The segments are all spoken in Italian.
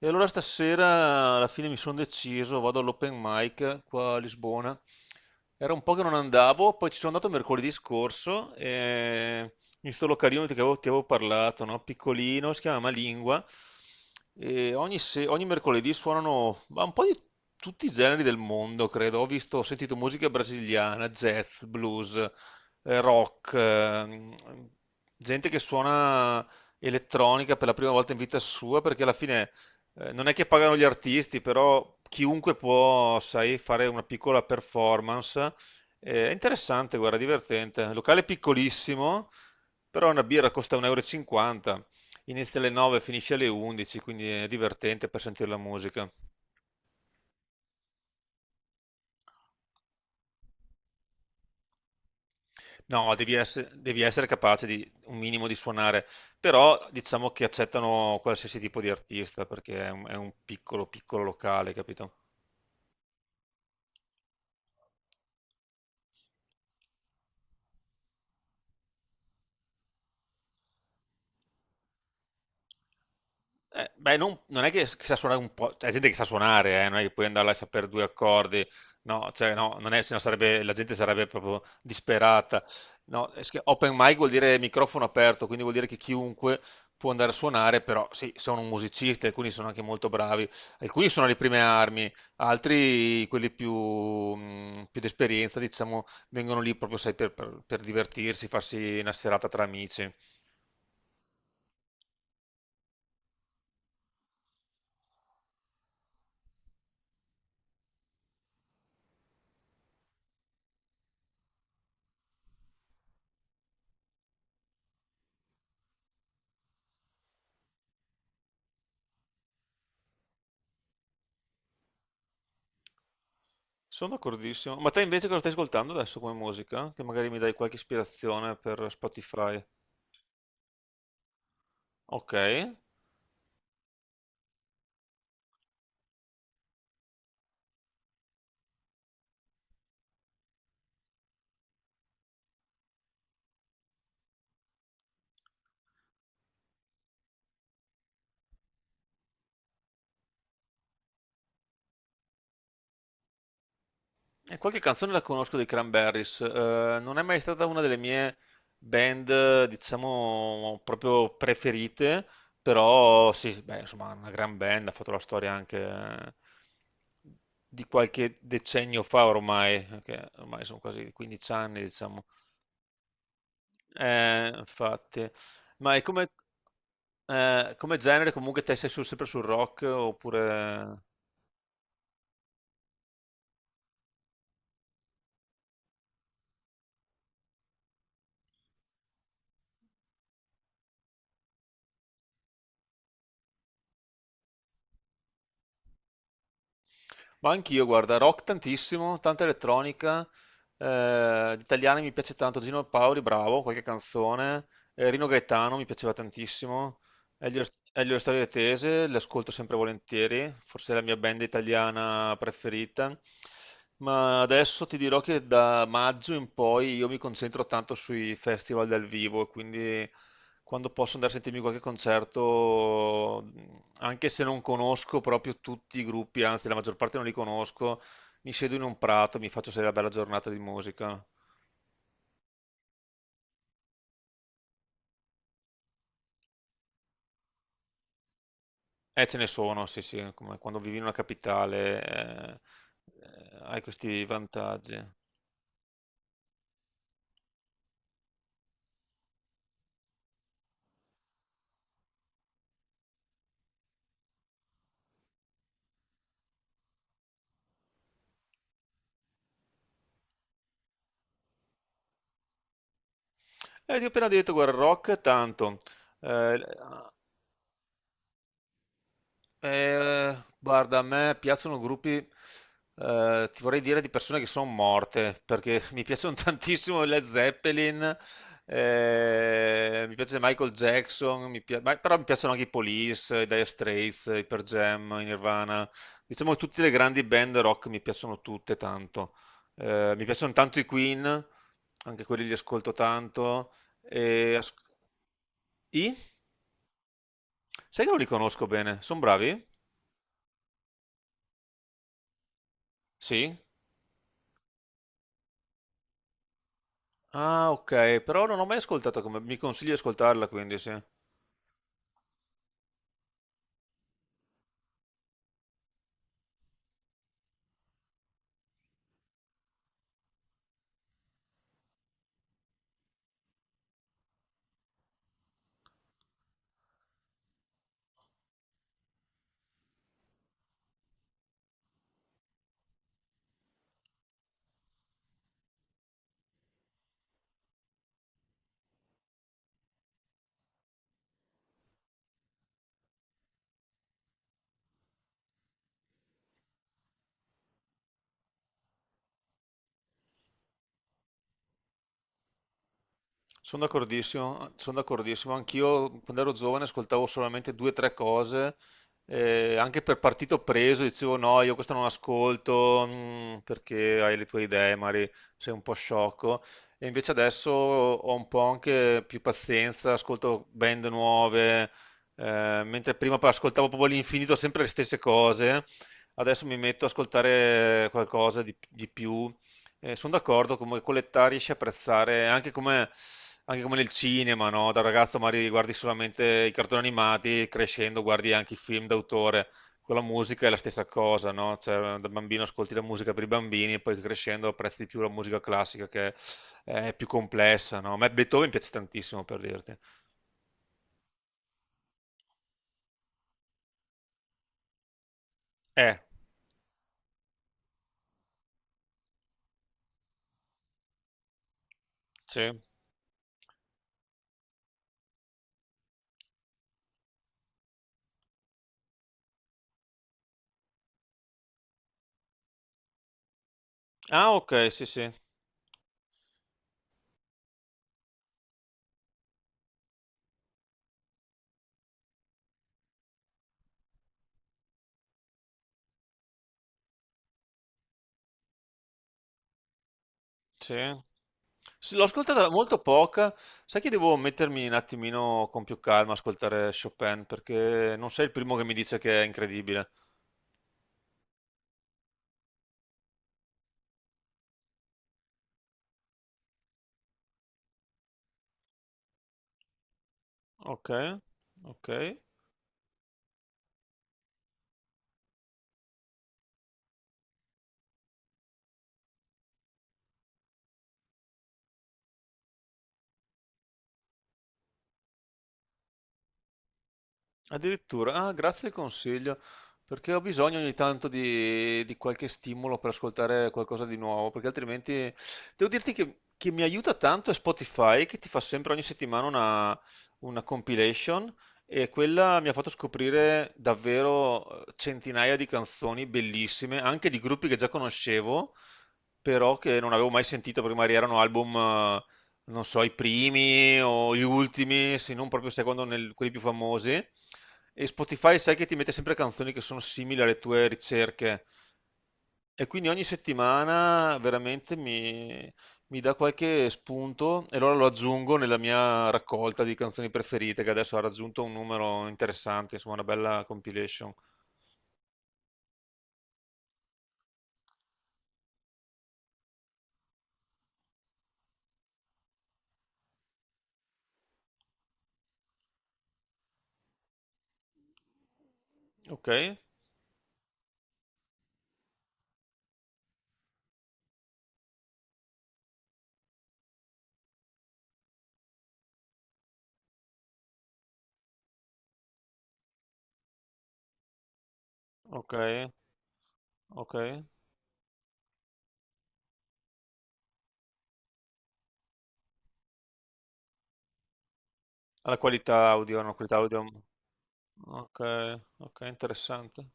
E allora stasera alla fine mi sono deciso, vado all'open mic qua a Lisbona. Era un po' che non andavo, poi ci sono andato mercoledì scorso e in sto localino ti avevo parlato, no? Piccolino, si chiama Malingua. E ogni, se- ogni mercoledì suonano ma un po' di tutti i generi del mondo, credo. Ho visto, ho sentito musica brasiliana, jazz, blues, rock, gente che suona elettronica per la prima volta in vita sua, perché alla fine non è che pagano gli artisti, però chiunque può, sai, fare una piccola performance. È interessante, guarda, divertente. Locale piccolissimo, però una birra costa 1,50 euro. E cinquanta. Inizia alle 9, finisce alle 11, quindi è divertente per sentire la musica. No, devi essere capace di un minimo di suonare, però diciamo che accettano qualsiasi tipo di artista perché è un piccolo, piccolo locale, capito? Beh, non è che sa suonare un po', c'è gente che sa suonare, non è che puoi andare là a sapere due accordi, no, cioè, no, non è, sennò sarebbe, la gente sarebbe proprio disperata. No, che open mic vuol dire microfono aperto, quindi vuol dire che chiunque può andare a suonare, però sì, sono musicisti, alcuni sono anche molto bravi, alcuni sono alle prime armi, altri, quelli più, più d'esperienza, diciamo, vengono lì proprio, sai, per divertirsi, farsi una serata tra amici. Sono d'accordissimo. Ma te invece cosa stai ascoltando adesso come musica? Che magari mi dai qualche ispirazione per Spotify. Ok. E qualche canzone la conosco dei Cranberries. Non è mai stata una delle mie band, diciamo, proprio preferite, però sì, beh, insomma, una gran band, ha fatto la storia anche di qualche decennio fa ormai, che ormai sono quasi 15 anni, diciamo. Infatti. Ma è come... Come genere comunque te sei sempre sul rock oppure... Ma anch'io, guarda, rock tantissimo, tanta elettronica, gli italiani mi piace tanto, Gino Paoli, bravo, qualche canzone, Rino Gaetano mi piaceva tantissimo, Elio, Elio Storia Tese, l'ascolto sempre volentieri, forse è la mia band italiana preferita, ma adesso ti dirò che da maggio in poi io mi concentro tanto sui festival dal vivo, quindi... quando posso andare a sentirmi qualche concerto, anche se non conosco proprio tutti i gruppi, anzi la maggior parte non li conosco, mi siedo in un prato, mi faccio sedere una bella giornata di musica. Ce ne sono, sì, sì, come quando vivi in una capitale, hai questi vantaggi. Ti ho appena detto, guarda, rock tanto. Eh, Guarda, a me piacciono gruppi, ti vorrei dire di persone che sono morte, perché mi piacciono tantissimo i Led Zeppelin, mi piace Michael Jackson, però mi piacciono anche i Police, i Dire Straits, i Pearl Jam, i Nirvana. Diciamo che tutte le grandi band rock mi piacciono tutte tanto. Mi piacciono tanto i Queen, anche quelli li ascolto tanto. E as- I? Sai che non li conosco bene, sono bravi? Sì? Ah, okay, però non ho mai ascoltato, come mi consigli di ascoltarla quindi, sì. Sono d'accordissimo, sono d'accordissimo. Anch'io quando ero giovane ascoltavo solamente due o tre cose, anche per partito preso dicevo no, io questo non ascolto, perché hai le tue idee, magari sei un po' sciocco. E invece adesso ho un po' anche più pazienza, ascolto band nuove, mentre prima ascoltavo proprio all'infinito sempre le stesse cose, adesso mi metto ad ascoltare qualcosa di più. Sono d'accordo, come con l'età riesci a apprezzare anche come, nel cinema, no? Da ragazzo magari guardi solamente i cartoni animati, crescendo guardi anche i film d'autore. Con la musica è la stessa cosa, no? Cioè, da bambino ascolti la musica per i bambini e poi crescendo apprezzi di più la musica classica, che è più complessa, no? A me Beethoven piace tantissimo, per dirti. Eh, sì. Ah, ok, sì, sì. Sì. Sì, l'ho ascoltata molto poca, sai che devo mettermi un attimino con più calma a ascoltare Chopin perché non sei il primo che mi dice che è incredibile. Ok, ok. Addirittura, ah, grazie del consiglio, perché ho bisogno ogni tanto di qualche stimolo per ascoltare qualcosa di nuovo, perché altrimenti devo dirti che, mi aiuta tanto è Spotify, che ti fa sempre ogni settimana una compilation e quella mi ha fatto scoprire davvero centinaia di canzoni bellissime, anche di gruppi che già conoscevo, però che non avevo mai sentito perché magari erano album non so, i primi o gli ultimi, se non proprio secondo nel- quelli più famosi. E Spotify sai che ti mette sempre canzoni che sono simili alle tue ricerche. E quindi ogni settimana veramente mi dà qualche spunto e allora lo aggiungo nella mia raccolta di canzoni preferite, che adesso ha raggiunto un numero interessante, insomma, una bella compilation. Ok, ok, ok. Alla qualità audio, una qualità audio. Ok, ok, interessante.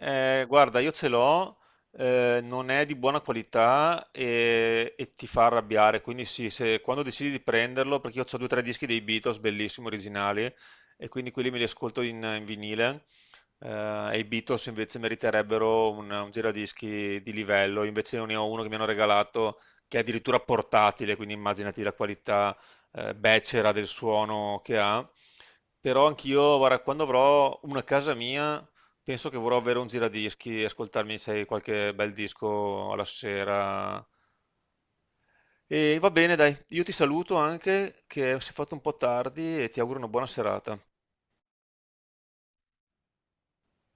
Guarda, io ce l'ho, non è di buona qualità e ti fa arrabbiare, quindi sì, se, quando decidi di prenderlo, perché io ho due o tre dischi dei Beatles, bellissimi, originali, e quindi quelli me li ascolto in, in vinile, e i Beatles invece meriterebbero un giradischi di livello, invece io ne ho uno che mi hanno regalato che è addirittura portatile, quindi immaginati la qualità becera del suono che ha, però anch'io, guarda, quando avrò una casa mia... Penso che vorrò avere un giradischi e ascoltarmi, sai, qualche bel disco alla sera. E va bene, dai, io ti saluto anche, che si è fatto un po' tardi e ti auguro una buona serata.